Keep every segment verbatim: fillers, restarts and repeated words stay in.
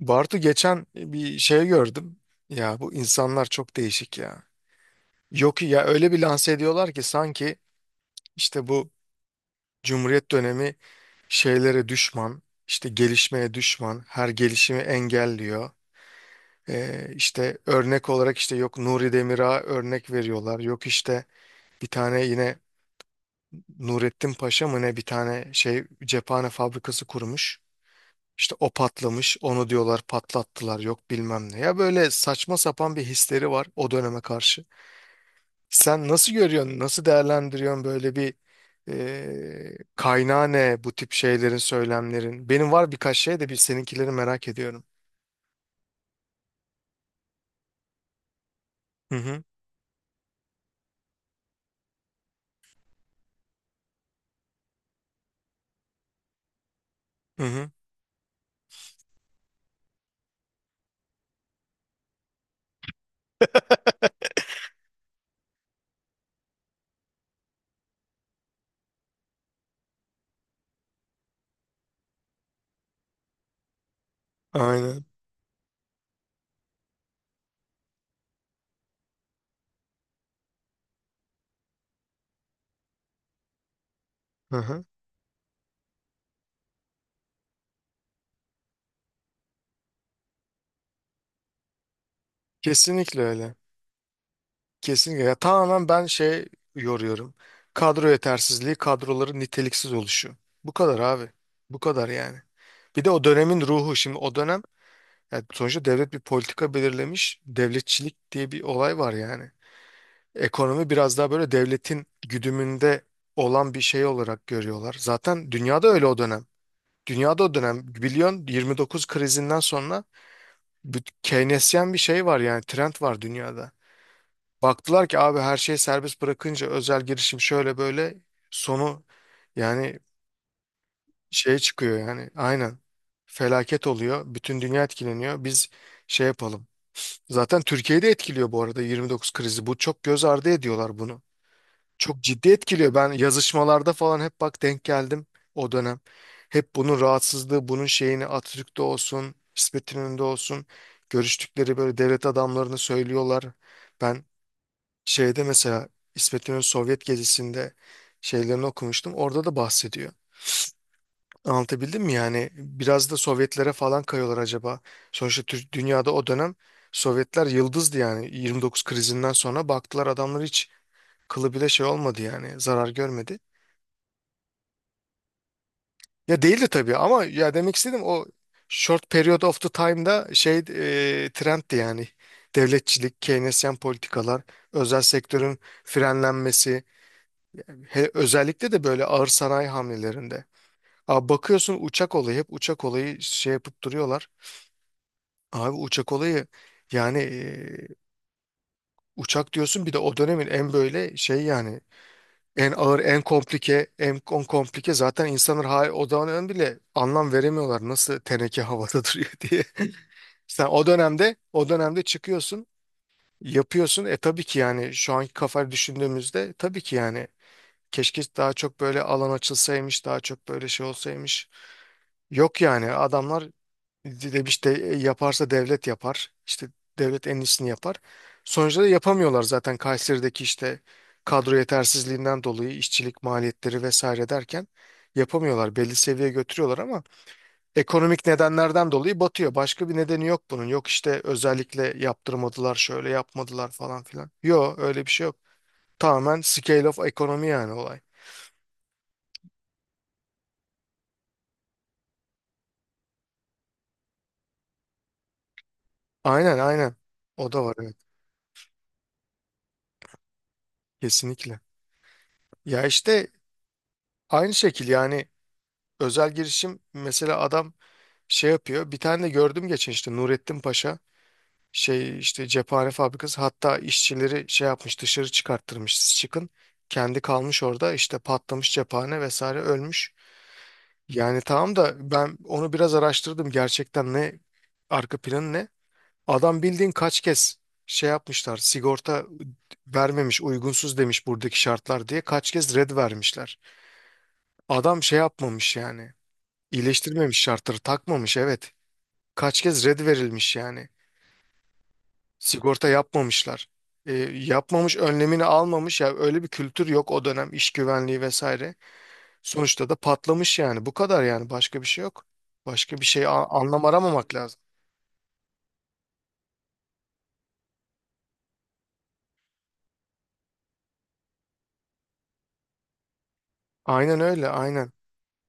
Bartu geçen e, bir şey gördüm. Ya bu insanlar çok değişik ya. Yok ya öyle bir lanse ediyorlar ki sanki işte bu Cumhuriyet dönemi şeylere düşman, işte gelişmeye düşman, her gelişimi engelliyor. Ee, işte örnek olarak işte yok Nuri Demir'a örnek veriyorlar. Yok işte bir tane yine Nurettin Paşa mı ne bir tane şey cephane fabrikası kurmuş. İşte o patlamış, onu diyorlar patlattılar, yok bilmem ne. Ya böyle saçma sapan bir hisleri var o döneme karşı. Sen nasıl görüyorsun, nasıl değerlendiriyorsun böyle bir eee kaynağı ne bu tip şeylerin, söylemlerin? Benim var birkaç şey de bir seninkileri merak ediyorum. Hı hı, hı hı. Aynen. Hı hı. Kesinlikle öyle. Kesinlikle. Ya tamamen ben şey yoruyorum. Kadro yetersizliği, kadroların niteliksiz oluşu. Bu kadar abi. Bu kadar yani. Bir de o dönemin ruhu. Şimdi o dönem, yani sonuçta devlet bir politika belirlemiş. Devletçilik diye bir olay var yani. Ekonomi biraz daha böyle devletin güdümünde olan bir şey olarak görüyorlar. Zaten dünyada öyle o dönem. Dünyada o dönem biliyorsun yirmi dokuz krizinden sonra bir Keynesyen bir şey var yani trend var dünyada. Baktılar ki abi her şeyi serbest bırakınca özel girişim şöyle böyle sonu yani şey çıkıyor yani aynen felaket oluyor. Bütün dünya etkileniyor. Biz şey yapalım. Zaten Türkiye'de etkiliyor bu arada yirmi dokuz krizi. Bu çok göz ardı ediyorlar bunu. Çok ciddi etkiliyor. Ben yazışmalarda falan hep bak denk geldim o dönem. Hep bunun rahatsızlığı, bunun şeyini Atatürk'te olsun, İsmet İnönü'nde olsun. Görüştükleri böyle devlet adamlarını söylüyorlar. Ben şeyde mesela İsmet İnönü Sovyet gezisinde şeylerini okumuştum. Orada da bahsediyor. Anlatabildim mi yani? Biraz da Sovyetlere falan kayıyorlar acaba. Sonuçta Tür- dünyada o dönem Sovyetler yıldızdı yani. yirmi dokuz krizinden sonra baktılar adamlar hiç kılı bile şey olmadı yani. Zarar görmedi. Ya değildi tabii ama ya demek istedim o short period of the time'da şey e, trendti yani. Devletçilik, Keynesyen politikalar, özel sektörün frenlenmesi, he- özellikle de böyle ağır sanayi hamlelerinde. Aa, bakıyorsun uçak olayı hep uçak olayı şey yapıp duruyorlar. Abi uçak olayı yani e, uçak diyorsun bir de o dönemin en böyle şey yani en ağır en komplike en kon- komplike zaten insanlar hala o dönem bile anlam veremiyorlar nasıl teneke havada duruyor diye. Sen o dönemde o dönemde çıkıyorsun yapıyorsun e tabii ki yani şu anki kafayı düşündüğümüzde tabii ki yani keşke daha çok böyle alan açılsaymış daha çok böyle şey olsaymış. Yok yani adamlar demiş işte e, yaparsa devlet yapar. İşte devlet en iyisini yapar. Sonuçta da yapamıyorlar zaten Kayseri'deki işte kadro yetersizliğinden dolayı işçilik maliyetleri vesaire derken yapamıyorlar. Belli seviyeye götürüyorlar ama ekonomik nedenlerden dolayı batıyor. Başka bir nedeni yok bunun. Yok işte özellikle yaptırmadılar şöyle yapmadılar falan filan. Yok öyle bir şey yok. Tamamen scale of ekonomi yani olay. Aynen aynen. O da var evet. Kesinlikle. Ya işte aynı şekil yani özel girişim mesela adam şey yapıyor. Bir tane de gördüm geçen işte Nurettin Paşa şey işte cephane fabrikası hatta işçileri şey yapmış dışarı çıkarttırmış siz çıkın. Kendi kalmış orada işte patlamış cephane vesaire ölmüş. Yani tamam da ben onu biraz araştırdım gerçekten ne arka planı ne? Adam bildiğin kaç kez şey yapmışlar sigorta vermemiş uygunsuz demiş buradaki şartlar diye kaç kez red vermişler. Adam şey yapmamış yani iyileştirmemiş şartları takmamış evet. Kaç kez red verilmiş yani. Sigorta yapmamışlar. E, yapmamış önlemini almamış ya öyle bir kültür yok o dönem iş güvenliği vesaire. Sonuçta da patlamış yani bu kadar yani başka bir şey yok. Başka bir şey a- anlam aramamak lazım. Aynen öyle aynen.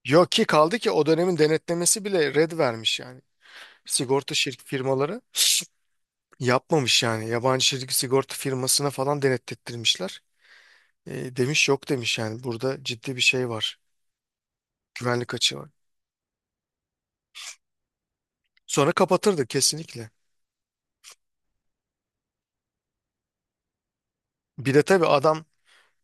Yok ki kaldı ki o dönemin denetlemesi bile red vermiş yani. Sigorta şirk firmaları yapmamış yani. Yabancı şirk sigorta firmasına falan denetlettirmişler. E, demiş yok demiş yani burada ciddi bir şey var. Güvenlik açığı var. Sonra kapatırdı kesinlikle. Bir de tabii adam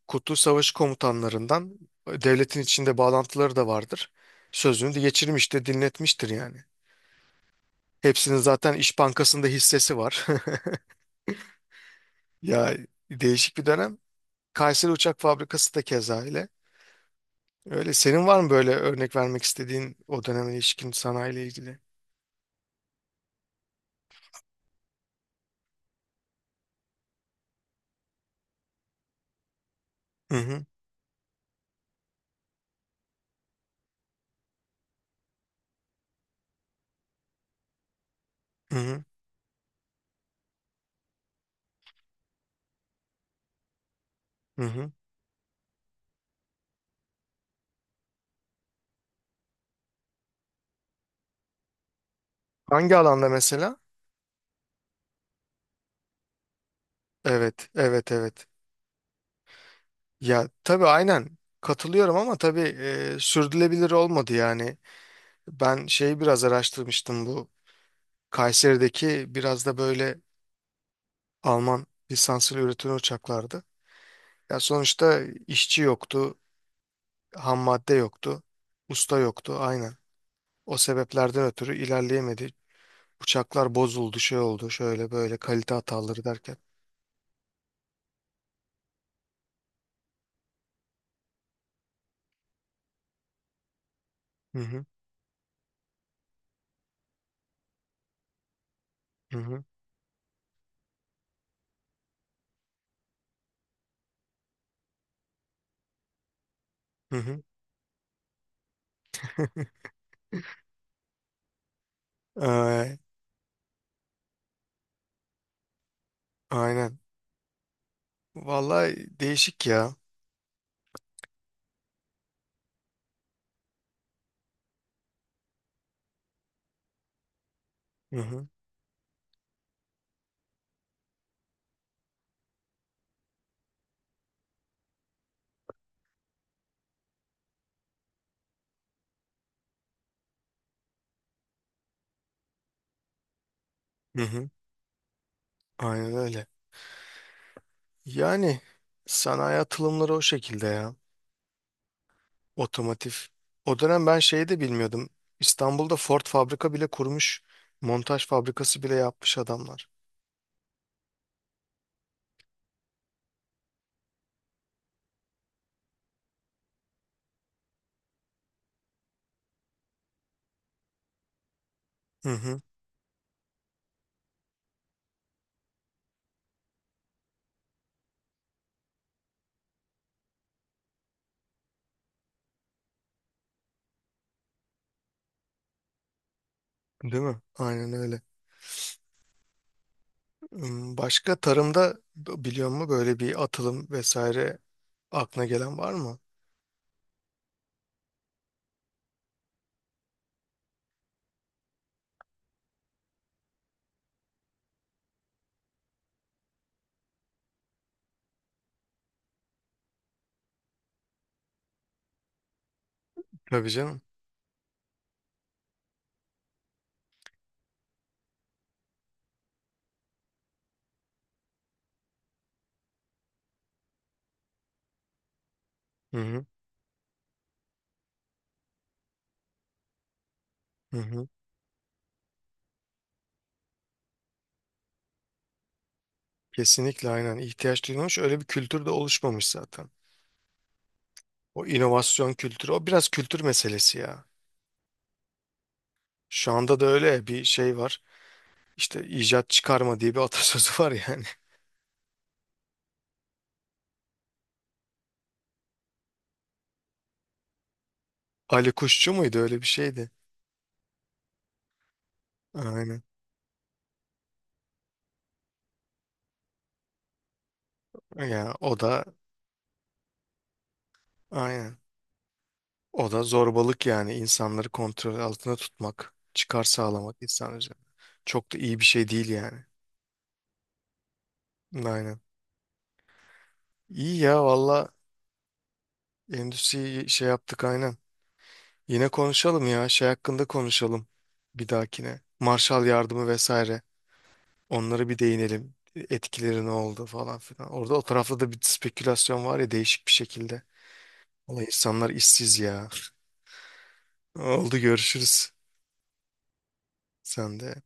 Kurtuluş Savaşı komutanlarından e, devletin içinde bağlantıları da vardır. Sözünü de geçirmiş de dinletmiştir yani. Hepsinin zaten İş Bankası'nda hissesi var. Ya değişik bir dönem. Kayseri Uçak Fabrikası da keza öyle. Öyle. Senin var mı böyle örnek vermek istediğin o döneme ilişkin sanayiyle ilgili? Hı hı, hı hı, hı hı. Hangi alanda mesela? Evet, evet, evet. Ya tabii aynen katılıyorum ama tabii e, sürdürülebilir olmadı yani. Ben şeyi biraz araştırmıştım bu Kayseri'deki biraz da böyle Alman lisanslı üretilen uçaklardı. Ya sonuçta işçi yoktu, ham madde yoktu, usta yoktu aynen. O sebeplerden ötürü ilerleyemedi. Uçaklar bozuldu, şey oldu, şöyle böyle kalite hataları derken. Hı hı, hı hı. Hı hı. Ee, aynen. Vallahi değişik ya. Hı hı, hı hı. Aynen öyle. Yani sanayi atılımları o şekilde ya. Otomotiv. O dönem ben şeyi de bilmiyordum. İstanbul'da Ford fabrika bile kurmuş. Montaj fabrikası bile yapmış adamlar. Hı hı. Değil mi? Aynen öyle. Hmm, başka tarımda b- biliyor musun böyle bir atılım vesaire aklına gelen var mı? Tabii canım. Hı hı. Hı hı. Kesinlikle aynen. İhtiyaç duyulmuş. Öyle bir kültür de oluşmamış zaten. O inovasyon kültürü. O biraz kültür meselesi ya. Şu anda da öyle bir şey var. İşte icat çıkarma diye bir atasözü var yani. Ali Kuşçu muydu öyle bir şeydi. Aynen. Ya o da aynen. O da zorbalık yani insanları kontrol altında tutmak, çıkar sağlamak insan üzerine. Çok da iyi bir şey değil yani. Aynen. İyi ya valla endüstriyi şey yaptık aynen. Yine konuşalım ya şey hakkında konuşalım bir dahakine. Marshall yardımı vesaire. Onlara bir değinelim. Etkileri ne oldu falan filan. Orada o tarafta da bir spekülasyon var ya değişik bir şekilde. Valla insanlar işsiz ya. Oldu görüşürüz. Sen de